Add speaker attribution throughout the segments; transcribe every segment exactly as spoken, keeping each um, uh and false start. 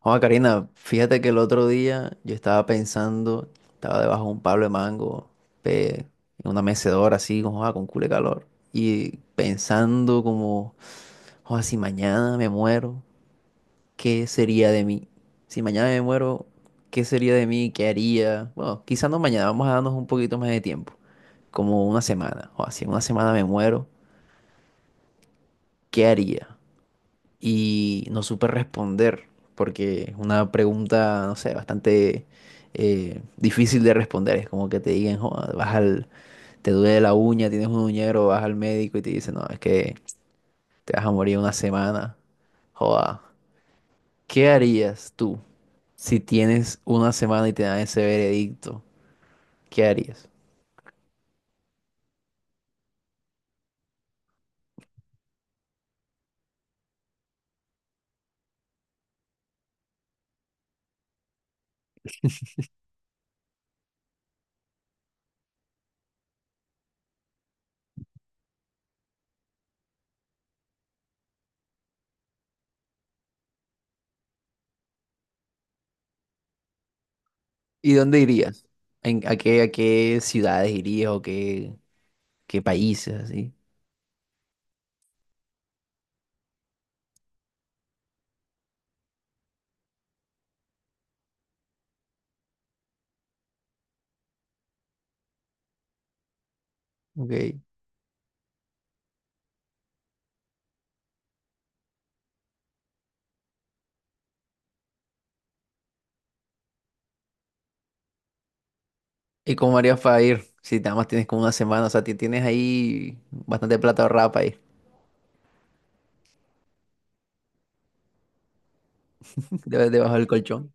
Speaker 1: Juan Karina, fíjate que el otro día yo estaba pensando, estaba debajo de un palo de mango, pe- en una mecedora así, con, ah, con culo de calor, y pensando como, "Joda, si mañana me muero, ¿qué sería de mí? Si mañana me muero, ¿qué sería de mí? ¿Qué haría? Bueno, quizás no mañana, vamos a darnos un poquito más de tiempo, como una semana, o si en una semana me muero, ¿qué haría?" Y no supe responder porque es una pregunta, no sé, bastante eh, difícil de responder. Es como que te digan, "Joda, vas al, te duele la uña, tienes un uñero, vas al médico y te dicen, no, es que te vas a morir una semana. Joda, ¿qué harías tú si tienes una semana y te dan ese veredicto? ¿Qué harías?" ¿Y dónde irías? ¿En- a qué, a qué ciudades irías o qué, qué países así? Ok. ¿Y cómo harías para ir? Si nada más tienes como una semana, o sea, ti- tienes ahí bastante plata ahorrada para ir. De- debajo del colchón.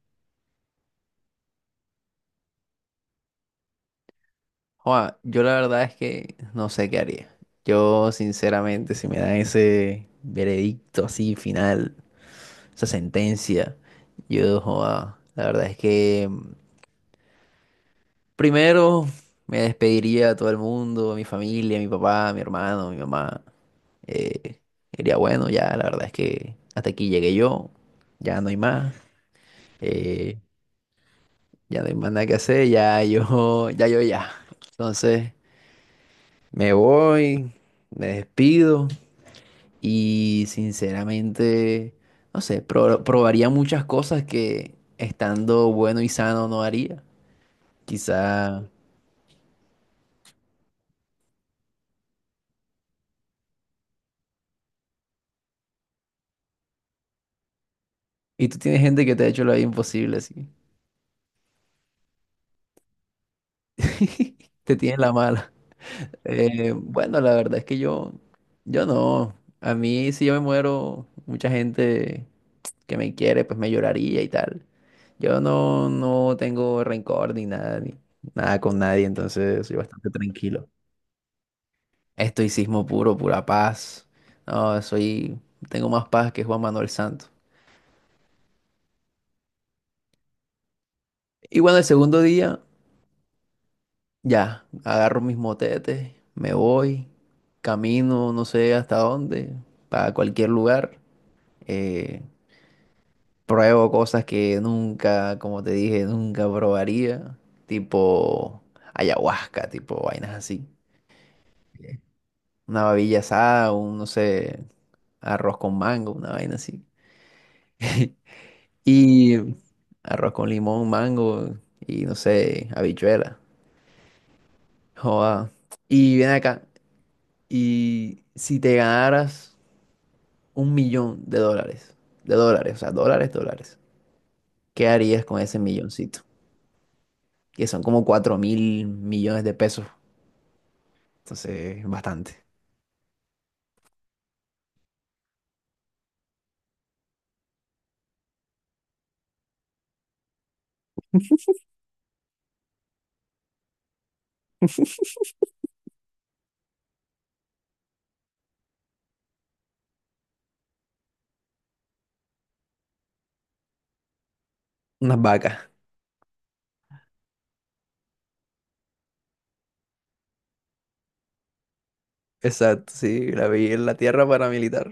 Speaker 1: Joa, yo la verdad es que no sé qué haría. Yo, sinceramente, si me dan ese veredicto así final, esa sentencia, yo, joa, la verdad es que mm, primero me despediría a todo el mundo, a mi familia, a mi papá, a mi hermano, a mi mamá. Eh, Diría, bueno, ya la verdad es que hasta aquí llegué yo, ya no hay más. Eh, Ya no hay más nada que hacer, ya yo, ya yo ya. Entonces me voy, me despido y sinceramente, no sé, pro- probaría muchas cosas que estando bueno y sano no haría. Quizá... ¿Y tú tienes gente que te ha hecho la vida imposible, así? Te tienes la mala. Eh, bueno, la verdad es que yo, yo no. A mí si yo me muero, mucha gente... que me quiere, pues me lloraría y tal. Yo no, no tengo rencor ni nada, ni nada con nadie, entonces soy bastante tranquilo. Estoicismo puro, pura paz. No, soy, tengo más paz que Juan Manuel Santos. Y bueno, el segundo día, ya, agarro mis motetes, me voy, camino no sé hasta dónde, para cualquier lugar. Eh, Pruebo cosas que nunca, como te dije, nunca probaría. Tipo ayahuasca, tipo vainas así. Una babilla asada, un, no sé, arroz con mango, una vaina así. Y arroz con limón, mango y no sé, habichuela. Joda. Y ven acá. Y si te ganaras un millón de dólares, de dólares, o sea, dólares, dólares, ¿qué harías con ese milloncito? Que son como cuatro mil millones de pesos. Entonces, bastante. Unas vacas. Exacto, sí, la vi en la tierra paramilitar.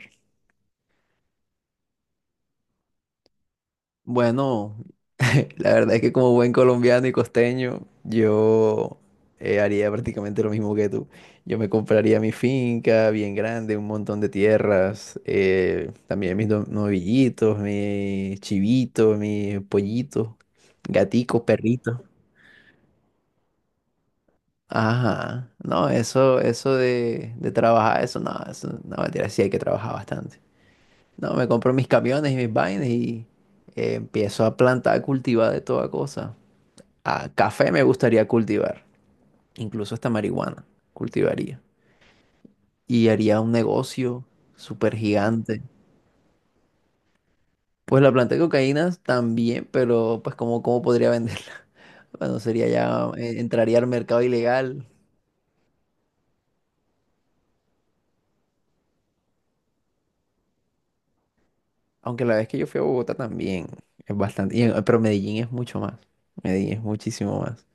Speaker 1: Bueno, la verdad es que como buen colombiano y costeño, yo eh, haría prácticamente lo mismo que tú. Yo me compraría mi finca bien grande, un montón de tierras, eh, también mis do- novillitos, mis chivitos, mis pollitos, gaticos, perritos. Ajá, no, eso, eso de, de trabajar, eso no, eso no, mentira, sí hay que trabajar bastante. No, me compro mis camiones y mis vainas y eh, empiezo a plantar, a cultivar de toda cosa. A café me gustaría cultivar, incluso hasta marihuana cultivaría. Y haría un negocio súper gigante. Pues la planta de cocaína también, pero pues ¿cómo, cómo podría venderla? Bueno, sería ya, eh, entraría al mercado ilegal. Aunque la vez que yo fui a Bogotá también es bastante, y en- pero Medellín es mucho más. Medellín es muchísimo más.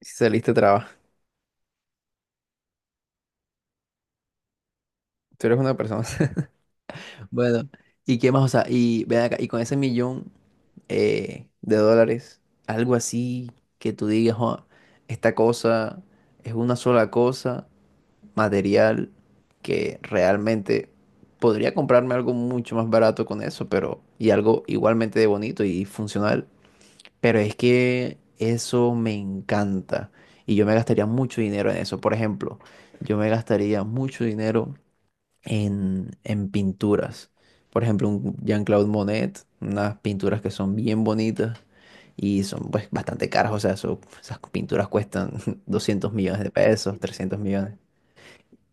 Speaker 1: Si saliste trabajo, tú eres una persona. Bueno, ¿y qué más? O sea, y ven acá, y con ese millón eh, de dólares, algo así que tú digas, "Joa, esta cosa es una sola cosa material que realmente podría comprarme algo mucho más barato con eso, pero y algo igualmente de bonito y funcional, pero es que eso me encanta y yo me gastaría mucho dinero en eso." Por ejemplo, yo me gastaría mucho dinero en, en pinturas. Por ejemplo, un Jean-Claude Monet, unas pinturas que son bien bonitas y son pues bastante caras, o sea, eso- esas pinturas cuestan doscientos millones de pesos, trescientos millones.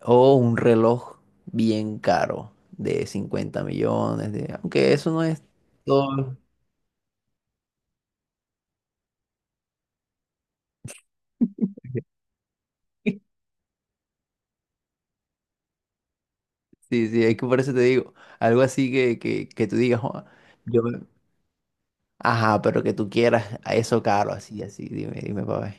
Speaker 1: O un reloj bien caro de cincuenta millones, de, aunque eso no es todo. Sí, sí, es que por eso te digo, algo así que, que, que tú digas, "Joa, yo, me- ajá, pero que tú quieras a eso caro, así, así, dime, dime, papá."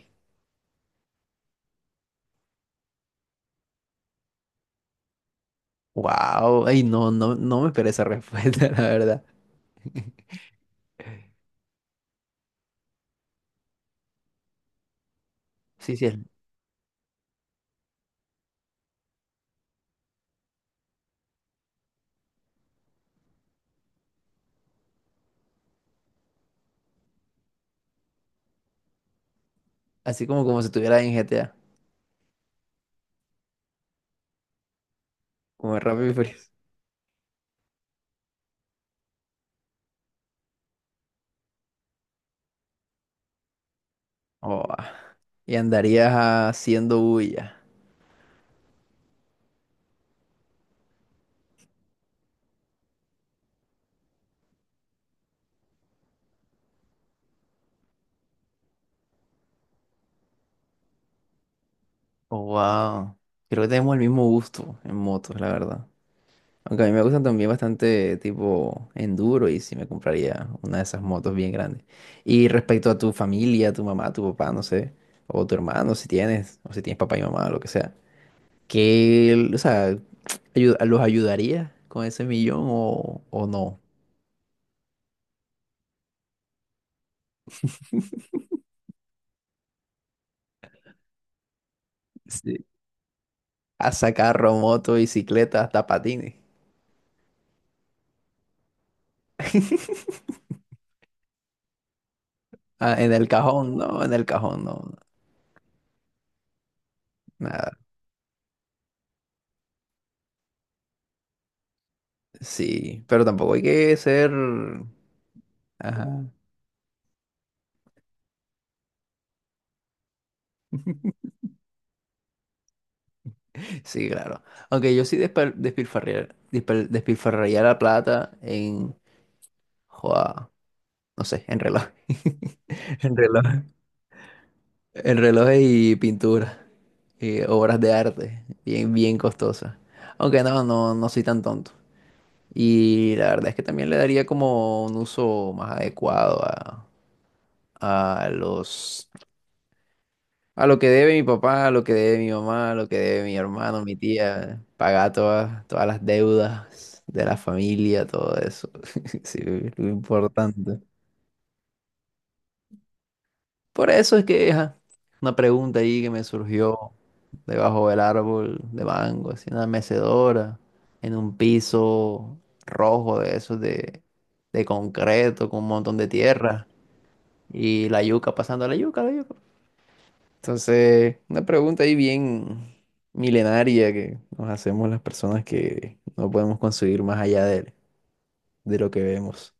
Speaker 1: Wow, ay, no, no, no me esperé esa respuesta, la verdad. Sí, sí, es así como como si estuviera en G T A, como en Rápido y Furioso. Oh, ah, y andarías haciendo bulla. Oh, wow. Creo que tenemos el mismo gusto en motos, la verdad. Aunque a mí me gustan también bastante tipo enduro y sí me compraría una de esas motos bien grandes. Y respecto a tu familia, tu mamá, tu papá, no sé, o tu hermano, si tienes, o si tienes papá y mamá, lo que sea. ¿Qué, o sea, ayu- los ayudaría con ese millón o, o no? Sí. A sacar moto, bicicleta, hasta patines. Ah, en el cajón, no, en el cajón, no. No, nada, sí, pero tampoco hay que ser... Ajá. Sí, claro. Aunque yo sí despilfarrar despilfarriar, despil- despilfarraría la plata en... Joda, no sé, en reloj. En reloj. En relojes y pinturas, y obras de arte, bien, bien costosas. Aunque no, no, no soy tan tonto. Y la verdad es que también le daría como un uso más adecuado a, a los, a lo que debe mi papá, a lo que debe mi mamá, a lo que debe mi hermano, mi tía, pagar todas, todas las deudas de la familia, todo eso. Sí, lo importante. Por eso es que ajá, una pregunta ahí que me surgió debajo del árbol de mango, así en una mecedora, en un piso rojo de esos de, de concreto con un montón de tierra y la yuca pasando la yuca, la yuca. Entonces, una pregunta ahí bien milenaria que nos hacemos las personas que no podemos conseguir más allá de, de lo que vemos.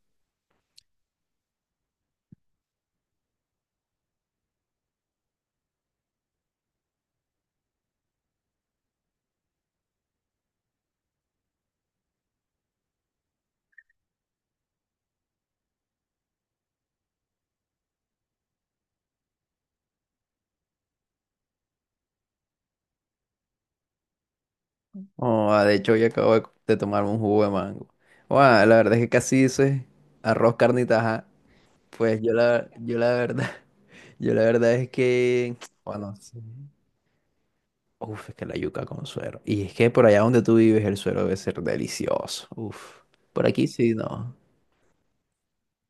Speaker 1: Oh, ah, de hecho, hoy acabo de, de tomar un jugo de mango. Oh, ah, la verdad es que casi dices arroz, carne y taja. Pues yo la, yo la verdad, yo la verdad es que, bueno, sí. Uf, es que la yuca con suero. Y es que por allá donde tú vives el suero debe ser delicioso. Uf, por aquí sí, no.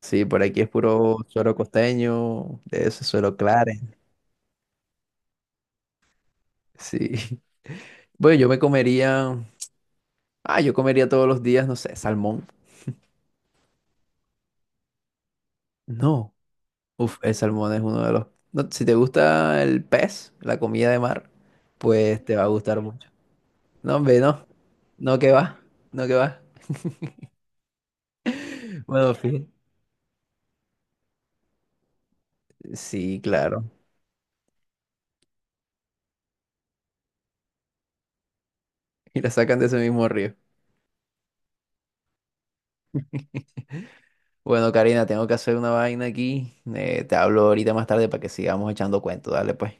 Speaker 1: Sí, por aquí es puro suero costeño, de ese suero Claret. Sí. Bueno, yo me comería, ah, yo comería todos los días, no sé, salmón. No. Uf, el salmón es uno de los... no, si te gusta el pez, la comida de mar, pues te va a gustar mucho. No, hombre, no. No que va. No que va. Bueno, fíjate. Sí, claro. Y la sacan de ese mismo río. Bueno, Karina, tengo que hacer una vaina aquí. Eh, te hablo ahorita más tarde para que sigamos echando cuentos. Dale, pues.